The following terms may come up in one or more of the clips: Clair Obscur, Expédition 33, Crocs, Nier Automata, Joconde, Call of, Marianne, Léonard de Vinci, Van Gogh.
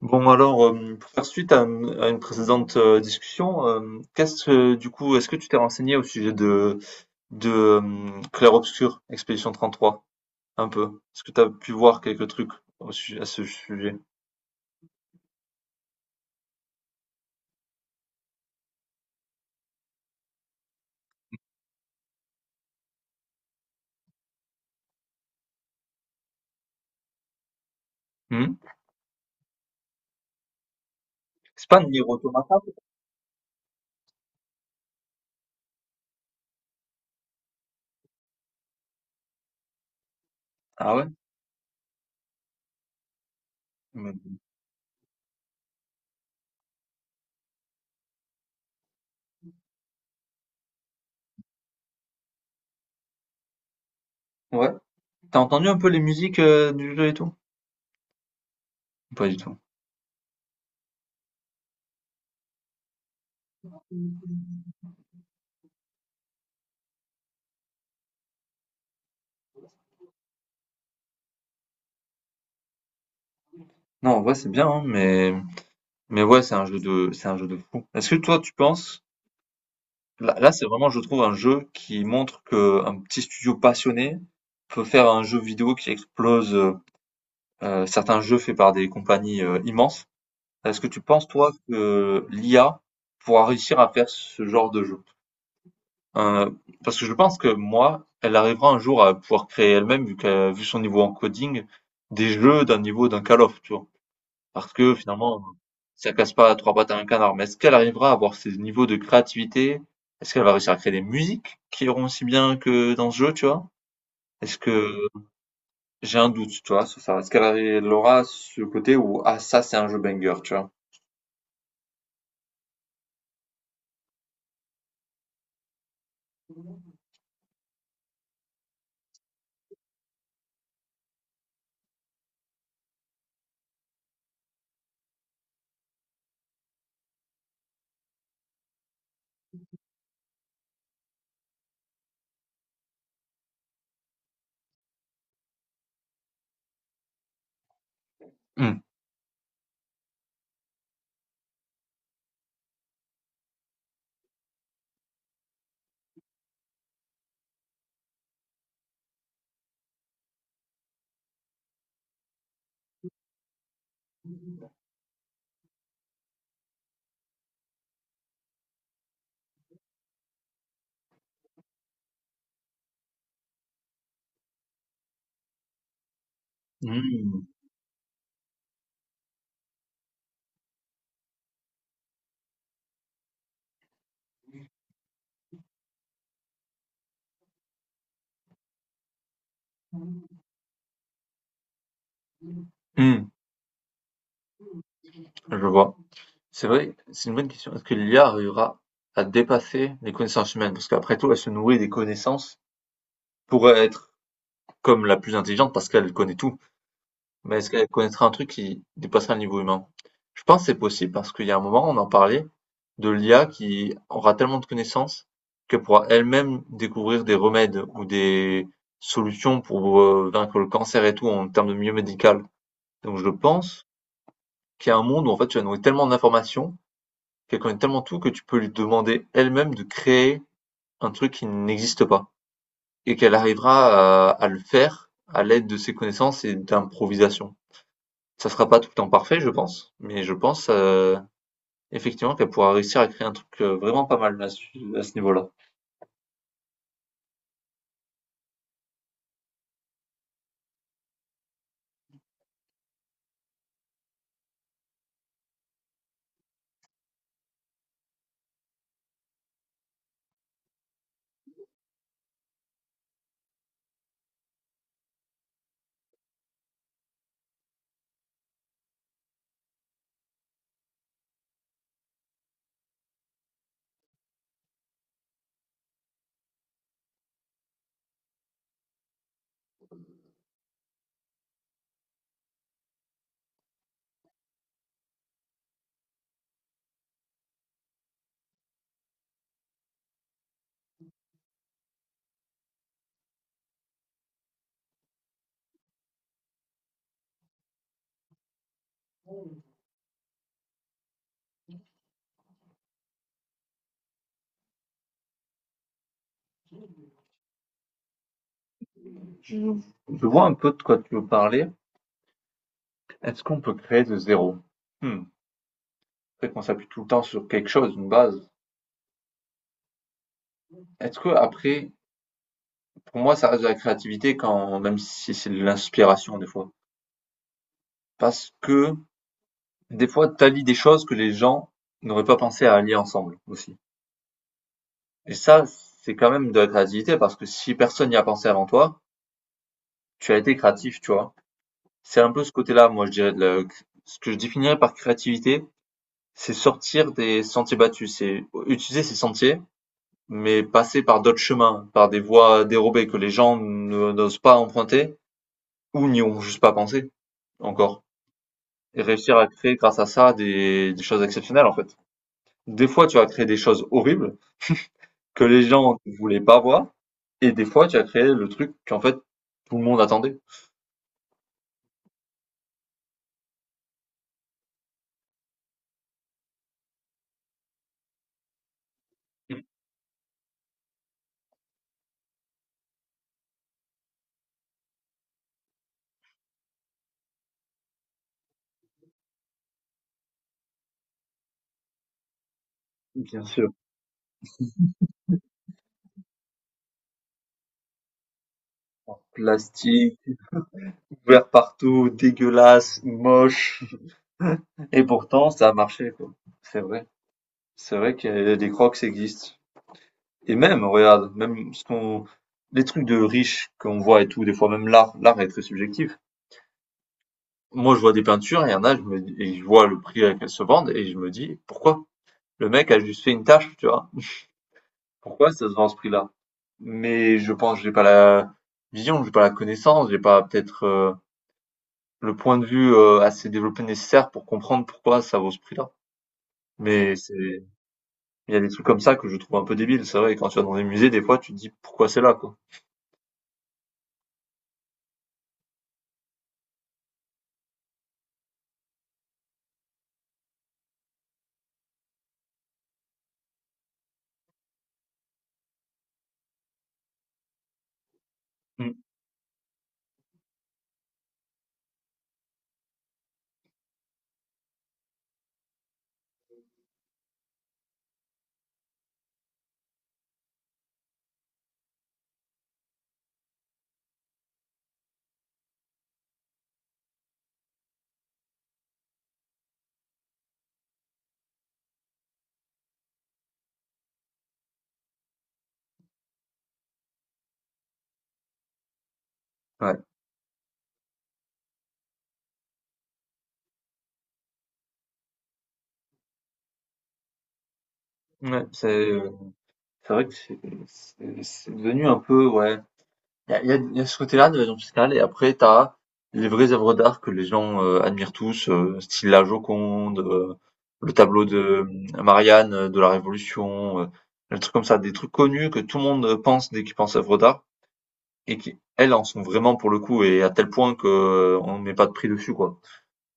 Bon alors, pour faire suite à, à une précédente, discussion, du coup, est-ce que tu t'es renseigné au sujet de Clair Obscur, Expédition 33? Un peu. Est-ce que tu as pu voir quelques trucs au su à ce sujet? Mmh? C'est pas Nier Automata? Ah ouais? Mmh. Ouais. T'as entendu un peu les musiques, du jeu et tout? Pas du tout. Non, en vrai, c'est bien, hein, mais mais ouais, c'est un jeu de fou. Est-ce que toi, tu penses? Là, là, c'est vraiment, je trouve, un jeu qui montre que un petit studio passionné peut faire un jeu vidéo qui explose certains jeux faits par des compagnies immenses. Est-ce que tu penses, toi, que l'IA pourra réussir à faire ce genre de jeu? Euh, Parce que je pense que moi, elle arrivera un jour à pouvoir créer elle-même, vu qu'elle, vu son niveau en coding, des jeux d'un niveau d'un Call of, tu vois. Parce que finalement, ça casse pas trois pattes à un canard. Mais est-ce qu'elle arrivera à avoir ces niveaux de créativité? Est-ce qu'elle va réussir à créer des musiques qui iront aussi bien que dans ce jeu, tu vois? Est-ce que j'ai un doute, tu vois, sur ça? Elle aura ce côté où, ah, ça, c'est un jeu banger, tu vois? Hmm. Hmm. Hmm. Je vois. C'est vrai, c'est une bonne question. Est-ce que l'IA arrivera à dépasser les connaissances humaines? Parce qu'après tout, elle se nourrit des connaissances pour être comme la plus intelligente parce qu'elle connaît tout. Mais est-ce qu'elle connaîtrait un truc qui dépasserait le niveau humain? Je pense que c'est possible parce qu'il y a un moment, on en parlait de l'IA qui aura tellement de connaissances qu'elle pourra elle-même découvrir des remèdes ou des solutions pour vaincre le cancer et tout en termes de milieu médical. Donc je pense qu'il y a un monde où en fait tu as nourrir tellement d'informations, qu'elle connaît tellement tout que tu peux lui demander elle-même de créer un truc qui n'existe pas et qu'elle arrivera à le faire à l'aide de ses connaissances et d'improvisation. Ça sera pas tout le temps parfait, je pense, mais je pense, effectivement qu'elle pourra réussir à créer un truc, vraiment pas mal à ce niveau-là. Je vois un peu de quoi tu veux parler. Est-ce qu'on peut créer de zéro? Mmh, après qu'on s'appuie tout le temps sur quelque chose, une base. Est-ce que après, pour moi, ça reste de la créativité quand même si c'est de l'inspiration des fois. Parce que des fois tu allies des choses que les gens n'auraient pas pensé à allier ensemble aussi. Et ça, c'est quand même de la créativité parce que si personne n'y a pensé avant toi, tu as été créatif, tu vois? C'est un peu ce côté-là, moi, je dirais de la ce que je définirais par créativité, c'est sortir des sentiers battus, c'est utiliser ces sentiers, mais passer par d'autres chemins, par des voies dérobées que les gens ne n'osent pas emprunter ou n'y ont juste pas pensé encore. Et réussir à créer grâce à ça des choses exceptionnelles en fait. Des fois, tu vas créer des choses horribles que les gens ne voulaient pas voir, et des fois, tu as créé le truc qu'en fait tout le monde attendait. Bien sûr, plastique, ouvert partout, dégueulasse, moche. Et pourtant, ça a marché, quoi. C'est vrai. C'est vrai que des Crocs existent. Et même, regarde, même ce qu'on, les trucs de riches qu'on voit et tout, des fois même l'art, l'art est très subjectif. Moi, je vois des peintures, et il y en a, je me, et je vois le prix à qu'elles se vendent, et je me dis, pourquoi? Le mec a juste fait une tâche, tu vois. Pourquoi ça se vend à ce prix-là? Mais je pense, que j'ai pas la vision, j'ai pas la connaissance, j'ai pas peut-être le point de vue assez développé nécessaire pour comprendre pourquoi ça vaut ce prix-là. Mais c'est, il y a des trucs comme ça que je trouve un peu débiles. C'est vrai, quand tu vas dans des musées, des fois, tu te dis pourquoi c'est là, quoi. Mm. Ouais, ouais, c'est vrai que c'est devenu un peu, ouais. Il y a ce côté-là de l'évasion fiscale, et après, t'as les vraies œuvres d'art que les gens admirent tous, style la Joconde, le tableau de Marianne de la Révolution, des trucs comme ça, des trucs connus que tout le monde pense dès qu'il pense œuvres d'art, et qui, elles, en sont vraiment pour le coup, et à tel point que on met pas de prix dessus, quoi.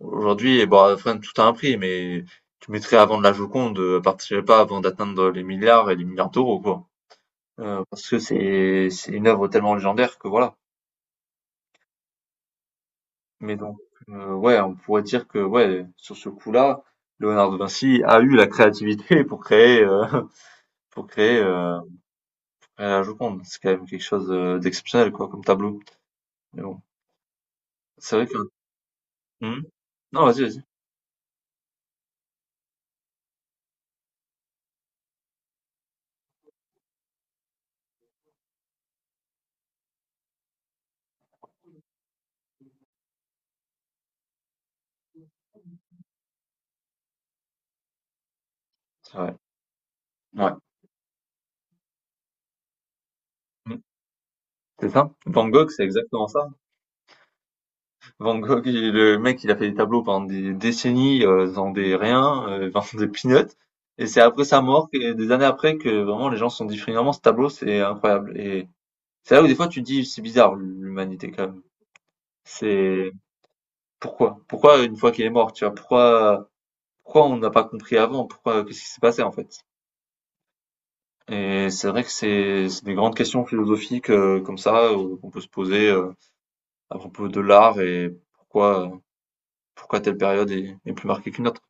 Aujourd'hui, bon, enfin, tout a un prix, mais tu mettrais avant de la Joconde, partirais pas avant d'atteindre les milliards et les milliards d'euros, quoi. Parce que c'est une œuvre tellement légendaire que voilà. Mais donc, ouais, on pourrait dire que ouais, sur ce coup-là, Léonard de Vinci a eu la créativité pour créer pour créer euh, la Joconde. C'est quand même quelque chose d'exceptionnel, quoi, comme tableau. Mais bon, c'est vrai que. Hmm. Non, vas-y, vas-y. C'est vrai. Ouais. Hmm. C'est ça. Van Gogh, c'est exactement ça. Le mec, il a fait des tableaux pendant des décennies, dans des riens, dans des peanuts. Et c'est après sa mort, des années après, que vraiment les gens se sont dit finalement ce tableau, c'est incroyable. Et c'est là où des fois tu te dis c'est bizarre l'humanité quand même. C'est Pourquoi? Pourquoi une fois qu'il est mort, tu vois? Pourquoi on n'a pas compris avant? Pourquoi, qu'est-ce qui s'est passé en fait? Et c'est vrai que c'est des grandes questions philosophiques comme ça qu'on peut se poser à propos de l'art et pourquoi telle période est, est plus marquée qu'une autre.